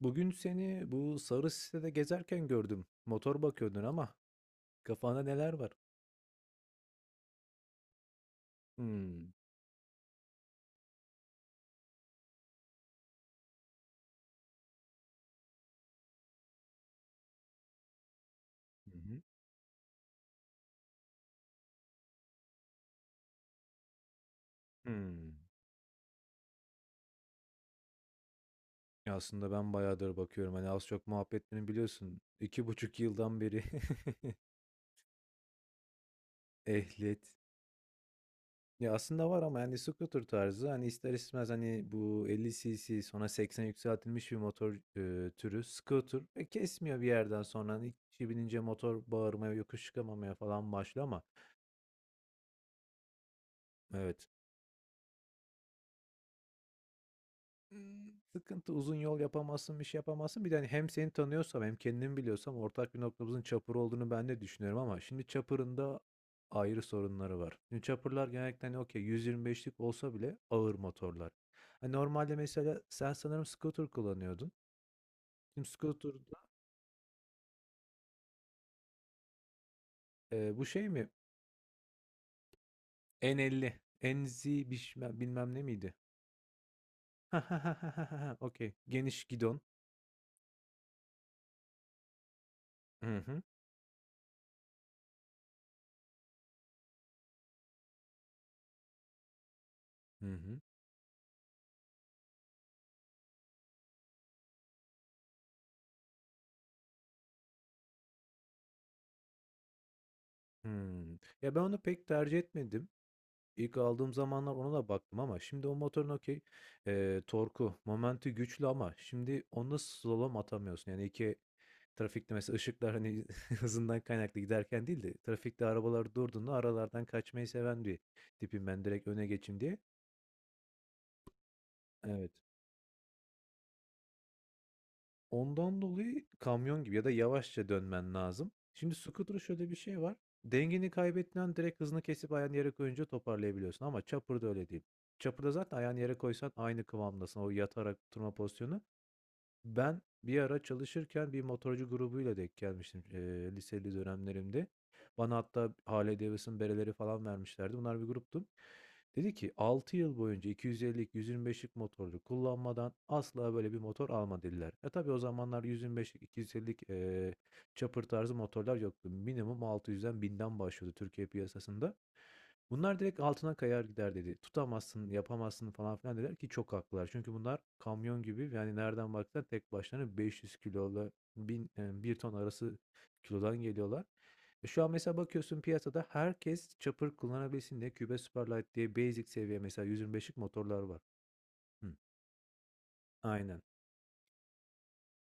Bugün seni bu sarı sitede gezerken gördüm. Motor bakıyordun ama kafanda neler var? Hmm. Hı hı. Hmm. Ya aslında ben bayağıdır bakıyorum. Hani az çok muhabbetini biliyorsun. İki buçuk yıldan beri ehliyet. Ya aslında var ama yani scooter tarzı hani ister istemez hani bu 50 cc sonra 80 yükseltilmiş bir motor türü scooter ve kesmiyor bir yerden sonra hani kişi binince motor bağırmaya yokuş çıkamamaya falan başlıyor ama evet. Sıkıntı, uzun yol yapamazsın, bir şey yapamazsın. Bir de, hani, hem seni tanıyorsam hem kendimi biliyorsam ortak bir noktamızın Çapır olduğunu ben de düşünüyorum ama şimdi Çapır'ın da ayrı sorunları var. Şimdi Çapır'lar genellikle, hani, okay, 125'lik olsa bile ağır motorlar. Hani, normalde mesela sen sanırım scooter kullanıyordun. Şimdi scooter'da, bu şey mi? N50, NZ bişme bilmem bilmem ne miydi? Hah, hah, hah, hah, hah, hah, okay. Geniş gidon. Hı hı. Hı hı. Hımm. Ya, ben onu pek tercih etmedim. İlk aldığım zamanlar ona da baktım ama şimdi o motorun okey, torku, momenti güçlü ama şimdi onda slalom atamıyorsun. Yani iki trafikte mesela ışıklar hani hızından kaynaklı giderken değil de trafikte arabalar durduğunda aralardan kaçmayı seven bir tipim ben direkt öne geçeyim diye. Evet. Ondan dolayı kamyon gibi ya da yavaşça dönmen lazım. Şimdi scooter'da şöyle bir şey var. Dengeni kaybettiğin an direkt hızını kesip ayağını yere koyunca toparlayabiliyorsun ama chopper'da öyle değil. Chopper'da zaten ayağını yere koysan aynı kıvamdasın. O yatarak oturma pozisyonu. Ben bir ara çalışırken bir motorcu grubuyla denk gelmiştim, liseli dönemlerimde. Bana hatta Harley Davidson bereleri falan vermişlerdi. Bunlar bir gruptu. Dedi ki 6 yıl boyunca 250'lik, 125'lik motorlu kullanmadan asla böyle bir motor alma dediler. E tabii o zamanlar 125'lik, 250'lik chopper tarzı motorlar yoktu. Minimum 600'den 1000'den başlıyordu Türkiye piyasasında. Bunlar direkt altına kayar gider dedi. Tutamazsın, yapamazsın falan filan dediler ki çok haklılar. Çünkü bunlar kamyon gibi yani nereden baksan tek başlarına 500 kilolu 1000, 1 ton arası kilodan geliyorlar. E şu an mesela bakıyorsun piyasada herkes çapır kullanabilsin diye Cube Superlight diye basic seviye mesela 125'lik motorlar var. Hı, aynen.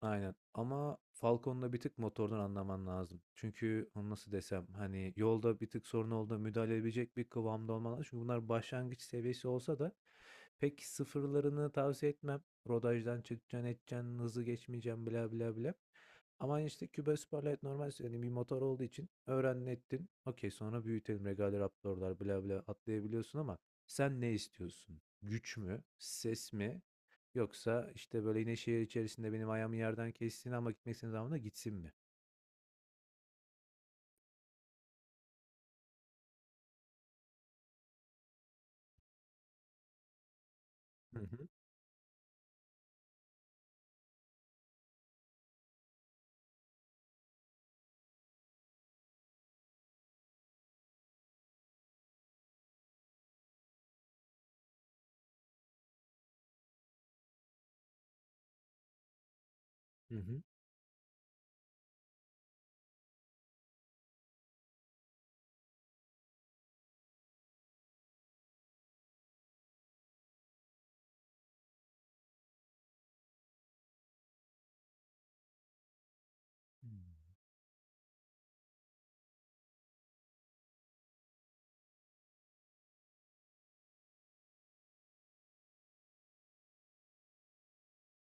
Aynen ama Falcon'da bir tık motordan anlaman lazım. Çünkü onu nasıl desem hani yolda bir tık sorun olduğunda müdahale edebilecek bir kıvamda olman lazım. Çünkü bunlar başlangıç seviyesi olsa da pek sıfırlarını tavsiye etmem. Rodajdan çıkacaksın edeceksin hızı geçmeyeceksin bla bla bla. Ama hani, işte Cuba Superlight normal yani bir motor olduğu için öğrendin ettin. Okey sonra büyütelim Regal Raptor'lar bla bla atlayabiliyorsun ama sen ne istiyorsun? Güç mü? Ses mi? Yoksa, işte, böyle, yine şehir içerisinde benim ayağımı yerden kessin ama gitmek istediğim zaman da gitsin mi? Hı hı. Hı hı.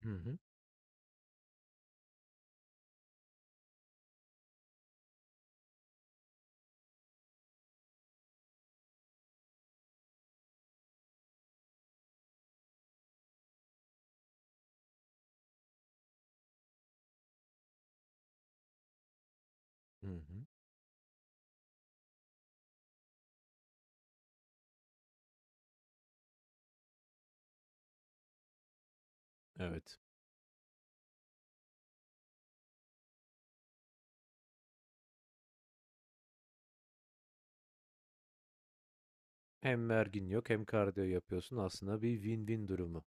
Hı hı. Hı hı. Evet. Hem vergin yok hem kardiyo yapıyorsun. Aslında bir win-win durumu.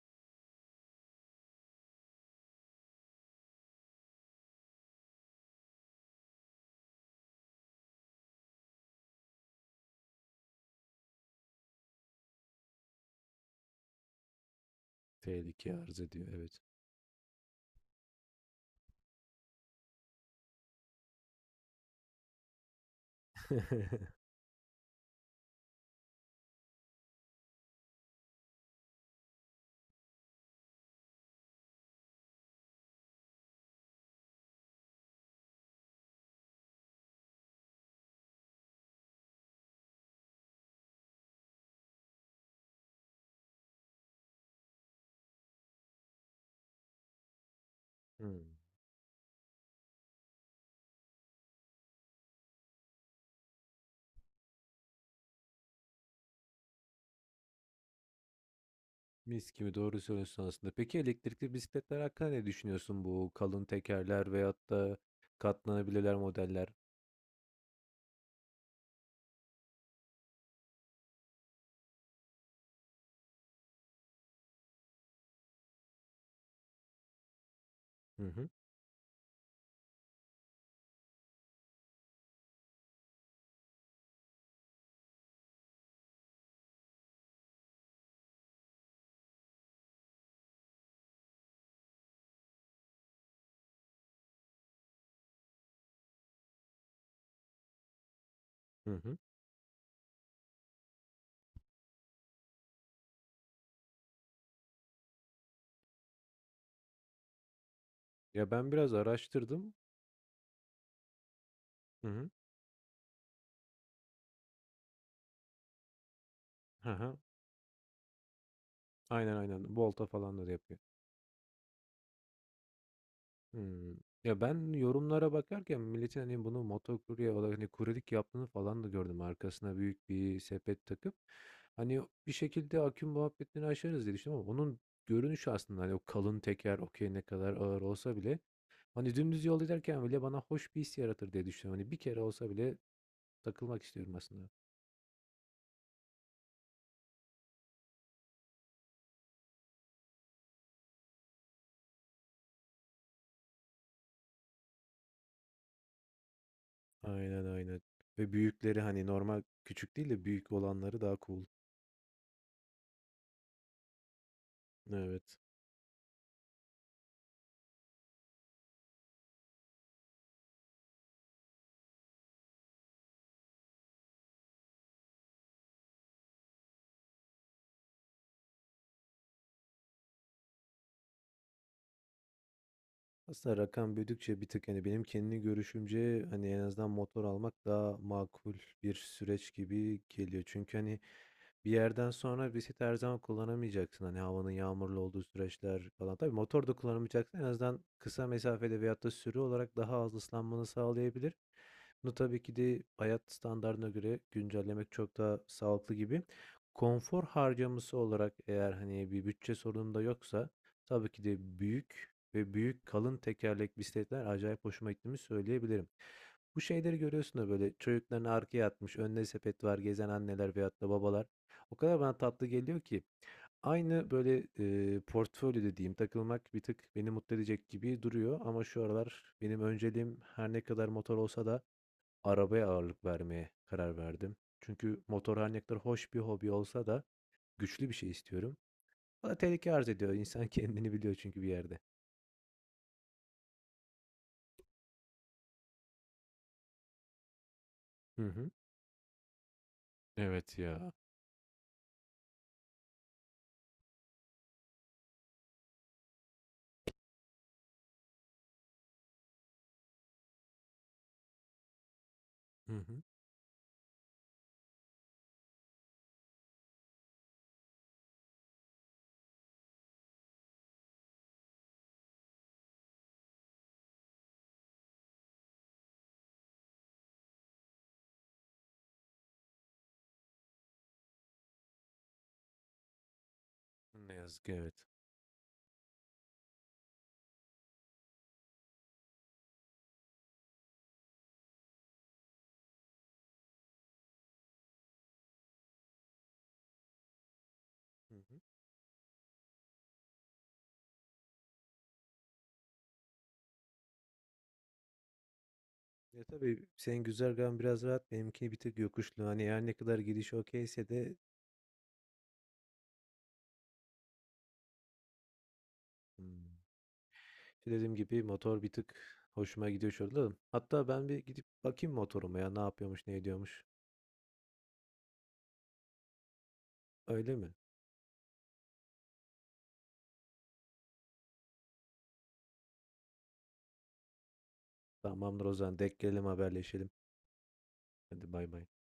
Tehlike arz ediyor, evet. Hımm. Mis gibi doğru söylüyorsun aslında. Peki elektrikli bisikletler hakkında ne düşünüyorsun? Bu kalın tekerler veyahut da katlanabilirler modeller. Hı hı. Hı hı. Ya, ben biraz araştırdım. Hı hı. Hı hı. Aynen, aynen. Volta falan da yapıyor. Hımm. Ya, ben yorumlara bakarken milletin, hani, bunu motokurye olarak, hani, kuryelik yaptığını falan da gördüm. Arkasına büyük bir sepet takıp, hani, bir şekilde aküm muhabbetini aşarız diye düşündüm ama onun görünüşü aslında, hani, o kalın teker, okey, ne kadar ağır olsa bile, hani, dümdüz yol giderken bile bana hoş bir his yaratır diye düşünüyorum. Hani, bir kere olsa bile takılmak istiyorum aslında. Aynen, aynen ve büyükleri, hani, normal küçük değil de büyük olanları daha cool. Evet. Aslında rakam büyüdükçe bir tık hani benim kendi görüşümce hani en azından motor almak daha makul bir süreç gibi geliyor. Çünkü hani bir yerden sonra bisiklet her zaman kullanamayacaksın. Hani havanın yağmurlu olduğu süreçler falan. Tabii motor da kullanamayacaksın. En azından kısa mesafede veyahut da sürü olarak daha az ıslanmanı sağlayabilir. Bunu tabii ki de hayat standartına göre güncellemek çok daha sağlıklı gibi. Konfor harcaması olarak eğer hani bir bütçe sorunum da yoksa tabii ki de büyük ve büyük kalın tekerlek bisikletler acayip hoşuma gittiğini söyleyebilirim. Bu şeyleri görüyorsun da böyle çocuklarını arkaya atmış, önüne sepet var, gezen anneler veyahut da babalar. O kadar bana tatlı geliyor ki aynı böyle portfolyo dediğim takılmak bir tık beni mutlu edecek gibi duruyor ama şu aralar benim önceliğim her ne kadar motor olsa da arabaya ağırlık vermeye karar verdim. Çünkü motor her ne kadar hoş bir hobi olsa da güçlü bir şey istiyorum. Bana tehlike arz ediyor. İnsan kendini biliyor çünkü bir yerde. Hı hı. Evet ya. Hı hı. Ne yazık ki evet. Hı hı. Ya tabii senin güzergahın biraz rahat, benimkini bir tık yokuşlu. Hani her ne kadar gidiş okeyse de Hmm. işte dediğim gibi motor bir tık hoşuma gidiyor şurada. Hatta ben bir gidip bakayım motoruma ya ne yapıyormuş ne ediyormuş. Öyle mi? Tamamdır o zaman denk gelelim haberleşelim. Hadi bay bay.